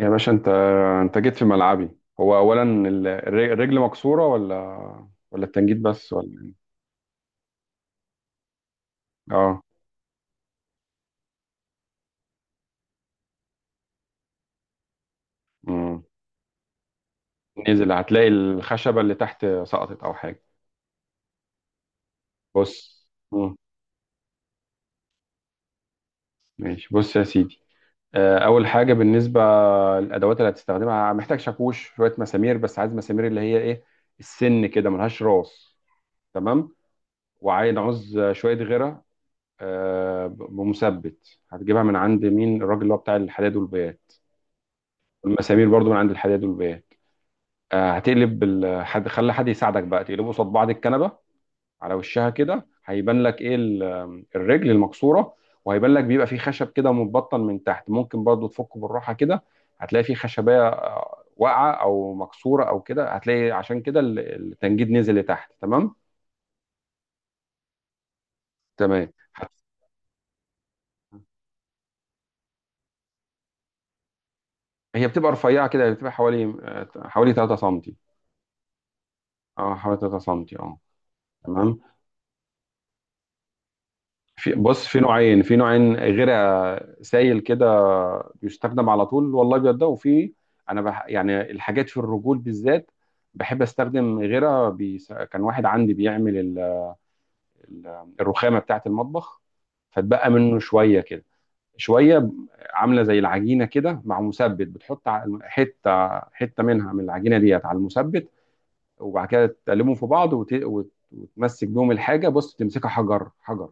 يا باشا انت جيت في ملعبي. هو اولا الرجل مكسوره ولا التنجيد بس ولا إيه؟ اه. مم. نزل هتلاقي الخشبه اللي تحت سقطت او حاجه. بص. مم. ماشي بص يا سيدي. اول حاجه بالنسبه للادوات اللي هتستخدمها محتاج شاكوش شويه مسامير، بس عايز مسامير اللي هي ايه السن كده ملهاش راس. تمام. وعايز عوز شويه غيره. بمثبت هتجيبها من عند مين؟ الراجل اللي هو بتاع الحداد والبيات، والمسامير برضو من عند الحداد والبيات. هتقلب حد، خلي حد يساعدك بقى تقلبه قصاد بعض الكنبه على وشها كده، هيبان لك ايه الرجل المكسوره. وهيبان لك بيبقى فيه خشب كده متبطن من تحت، ممكن برضو تفكه بالراحه كده. هتلاقي فيه خشبيه واقعه او مكسوره او كده، هتلاقي عشان كده التنجيد نزل لتحت. تمام. تمام هي بتبقى رفيعه كده، بتبقى حوالي 3 سم. اه حوالي 3 سم اه. تمام. في بص في نوعين، في نوعين غير سايل كده بيستخدم على طول والله، ابيض ده، وفي - انا يعني الحاجات في الرجول بالذات بحب استخدم غيرها كان واحد عندي بيعمل الرخامه بتاعه المطبخ، فتبقى منه شويه كده شويه عامله زي العجينه كده مع مثبت، بتحط حته حته منها من العجينه ديت على المثبت وبعد كده تقلبهم في بعض وتمسك بيهم الحاجه. بص تمسكها حجر حجر.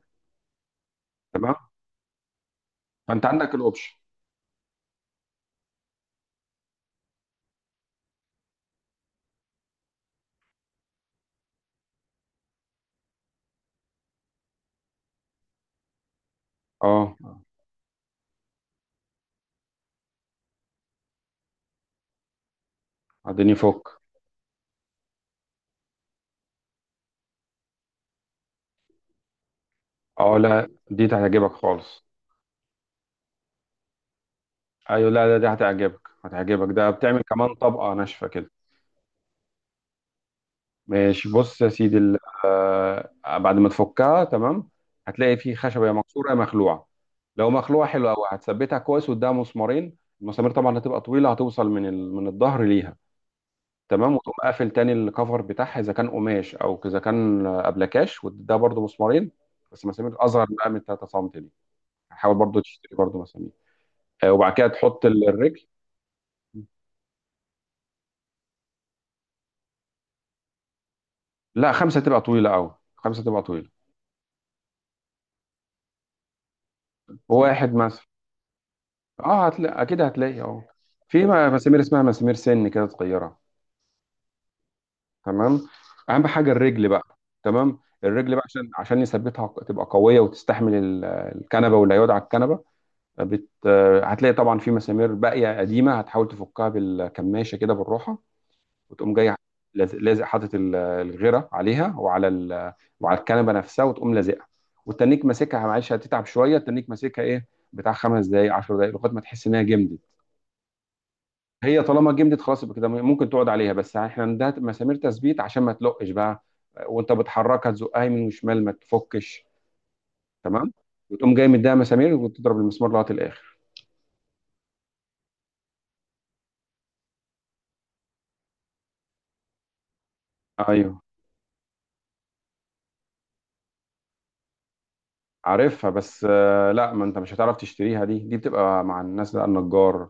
تمام. فانت عندك الاوبشن. اه. اديني فك. اه، لا دي هتعجبك خالص. ايوه. لا لا، دي هتعجبك هتعجبك، ده بتعمل كمان طبقه ناشفه كده. ماشي بص يا سيدي آه بعد ما تفكها تمام هتلاقي فيه خشبه يا مكسوره يا مخلوعه. لو مخلوعه حلوه قوي هتثبتها كويس قدام مسمارين. المسامير طبعا هتبقى طويله، هتوصل من الظهر ليها. تمام. وتقوم قافل تاني الكفر بتاعها، اذا كان قماش او اذا كان أبلكاش، وده برضو مسمارين، بس مسامير اصغر بقى من 3 سم دي. حاول برضو تشتري برضو مسامير. وبعد كده تحط الرجل. لا، خمسه تبقى طويله قوي، خمسه تبقى طويله. واحد مثلا. اه هتلاقي اكيد هتلاقي اه. في مسامير اسمها مسامير سن كده صغيره. تمام. اهم حاجه الرجل بقى. تمام. الرجل بقى عشان يثبتها تبقى قويه وتستحمل الكنبه واللي هيقعد على الكنبه. بت... آه، هتلاقي طبعا في مسامير باقيه قديمه، هتحاول تفكها بالكماشه كده بالروحه، وتقوم جاي لازق حاطط الغيره عليها وعلى الكنبه نفسها، وتقوم لازقها. والتنيك ماسكها، معلش هتتعب شويه، التنيك ماسكها ايه بتاع 5 دقائق 10 دقائق لغايه ما تحس انها جمدت. هي طالما جمدت خلاص يبقى كده ممكن تقعد عليها. بس احنا عندها مسامير تثبيت عشان ما تلقش بقى وانت بتحركها تزقها يمين وشمال ما تفكش. تمام. وتقوم جاي مديها مسامير وتضرب المسمار لغايه الاخر. ايوه عارفها، بس لا، ما انت مش هتعرف تشتريها. دي بتبقى مع الناس بقى النجار.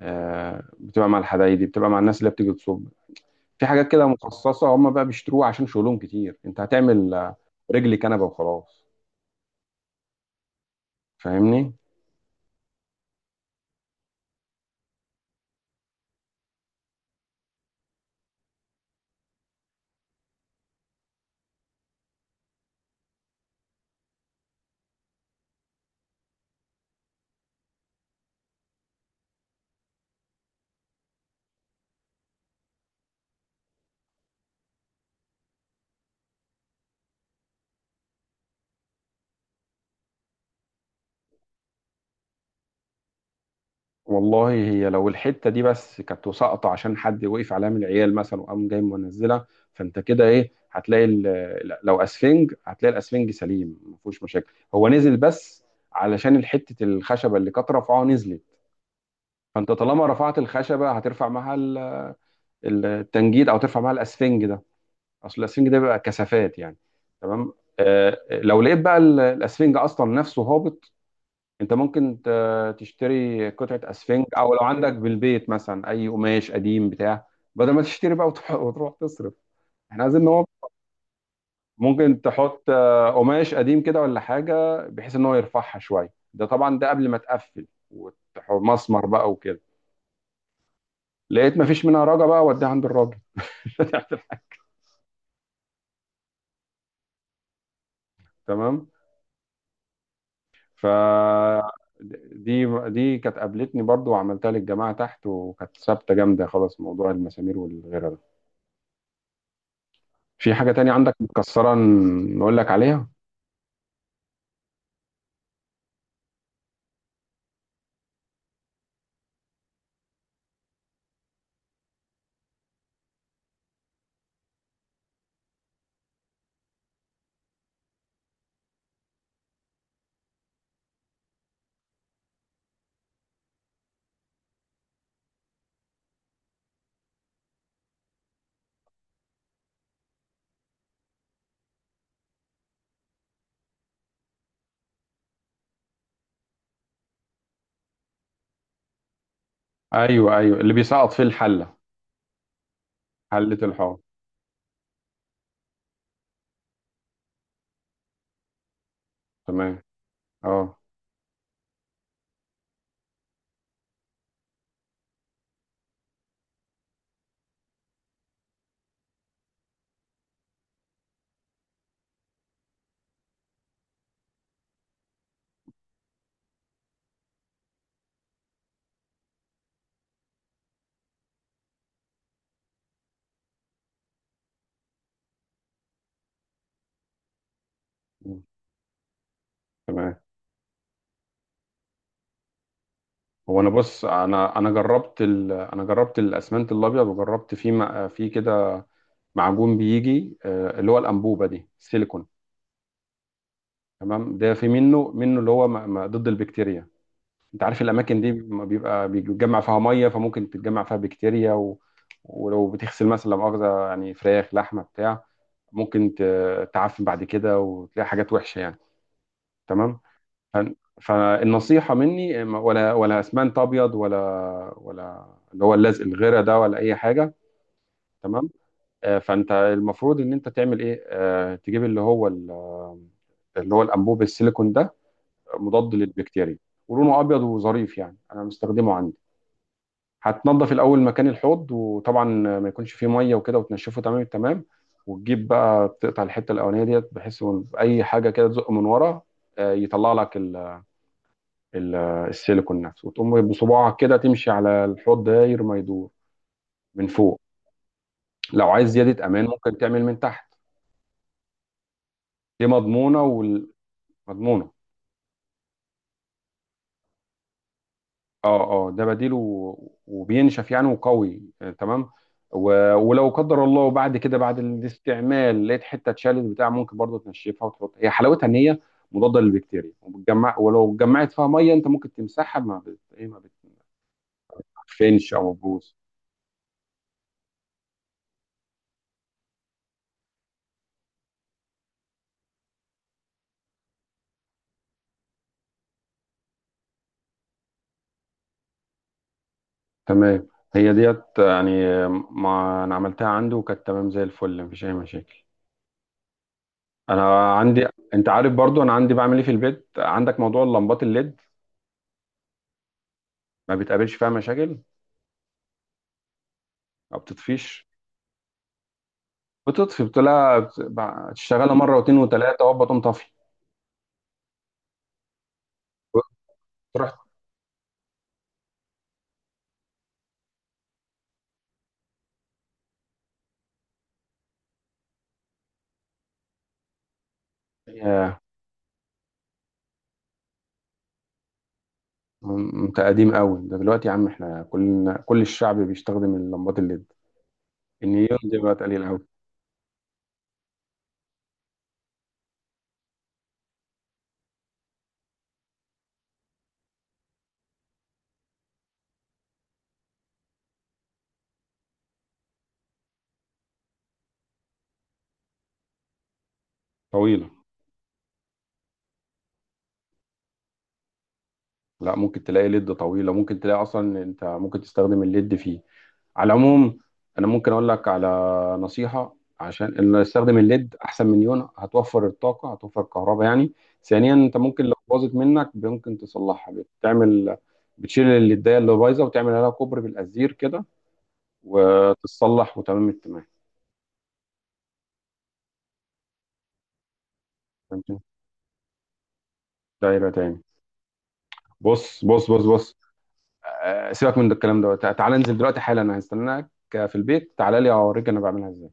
بتبقى مع الحدايدي، بتبقى مع الناس اللي بتيجي تصب. في حاجات كده مخصصة هم بقى بيشتروها عشان شغلهم كتير. انت هتعمل رجل كنبة وخلاص. فاهمني. والله هي لو الحتة دي بس كانت ساقطة عشان حد وقف عليها من العيال مثلا وقام جاي منزلها، فانت كده ايه هتلاقي لا، لو اسفنج هتلاقي الاسفنج سليم، ما فيهوش مشاكل، هو نزل بس علشان الحتة الخشبة اللي كانت رافعاها نزلت. فانت طالما رفعت الخشبة هترفع معاها التنجيد او ترفع معاها الاسفنج ده. اصل الاسفنج ده بيبقى كثافات يعني. تمام. لو لقيت بقى الاسفنج اصلا نفسه هابط، انت ممكن تشتري قطعه اسفنج، او لو عندك بالبيت مثلا اي قماش قديم بتاع، بدل ما تشتري بقى وتروح تصرف. احنا عايزين ان هو ممكن تحط قماش قديم كده ولا حاجه بحيث ان هو يرفعها شويه. ده طبعا ده قبل ما تقفل مسمر بقى وكده. لقيت مفيش منها رجا بقى وديها عند الراجل. تمام. ف دي كانت قابلتني برضو وعملتها للجماعة تحت وكانت ثابتة جامدة خلاص، موضوع المسامير والغيره ده. في حاجة تانية عندك متكسرة نقول لك عليها؟ ايوه ايوه، اللي بيسقط فيه الحلة. حلة الحوض. تمام. اه. م. تمام. هو انا بص انا جربت الاسمنت الابيض وجربت فيه كده معجون بيجي اللي هو الانبوبة دي، السيليكون. تمام. ده في منه اللي هو ضد البكتيريا. انت عارف الاماكن دي ما بيبقى بيتجمع فيها ميه، فممكن تتجمع فيها بكتيريا ولو بتغسل مثلا لا مؤاخذه يعني فراخ لحمه بتاع، ممكن تعفن بعد كده وتلاقي حاجات وحشه يعني. تمام. ف... فالنصيحه مني ولا اسمنت ابيض ولا اللي هو اللزق الغيره ده ولا اي حاجه. تمام. فانت المفروض ان انت تعمل ايه تجيب اللي هو اللي هو الانبوب السيليكون ده، مضاد للبكتيريا، ولونه ابيض وظريف يعني، انا مستخدمه عندي. هتنضف الاول مكان الحوض، وطبعا ما يكونش فيه ميه وكده، وتنشفه تمام التمام. وتجيب بقى تقطع الحته الاولانيه ديت بحيث إن اي حاجه كده تزق من ورا يطلع لك ال- السيليكون نفسه، وتقوم بصباعك كده تمشي على الحوض داير ما يدور من فوق. لو عايز زياده امان ممكن تعمل من تحت. دي مضمونه ومضمونه. اه اه، ده بديله وبينشف يعني وقوي تمام. ولو قدر الله بعد كده بعد الاستعمال لقيت حته اتشالت بتاع، ممكن برضه تنشفها وتحط. هي حلاوتها ان هي مضاده للبكتيريا، وبتجمع، ولو اتجمعت فيها ميه انت ممكن تمسحها ما بت... ايه ما بتفنش او بتبوظ. تمام. هي ديت يعني ما انا عملتها عنده وكانت تمام زي الفل، مفيش اي مشاكل. انا عندي - انت عارف برضو انا عندي بعمل ايه في البيت عندك، موضوع اللمبات الليد، ما بتقابلش فيها مشاكل، ما بتطفيش. بتطفي؟ بتلاقي تشتغلها مره واتنين وتلاته وهوبا تقوم طافي. رحت ياه. انت قديم قوي ده. دلوقتي يا عم احنا كلنا كل الشعب بيستخدم اللمبات الليد. النيون دي بقت قليل قوي. طويله. لا، ممكن تلاقي ليد طويلة، ممكن تلاقي أصلا. أنت ممكن تستخدم الليد، فيه على العموم. أنا ممكن أقول لك على نصيحة: عشان إن استخدم الليد أحسن من يون، هتوفر الطاقة، هتوفر الكهرباء يعني. ثانيا أنت ممكن لو باظت منك ممكن تصلحها، بتعمل - بتشيل الليداية اللي بايظة وتعمل عليها كوبري بالأزير كده، وتتصلح وتمام التمام. فهمت؟ دايرة تاني. بص بص بص بص. سيبك من ده الكلام ده، تعالى انزل دلوقتي حالا، أنا هستناك في البيت، تعالى لي أوريك أنا بعملها إزاي.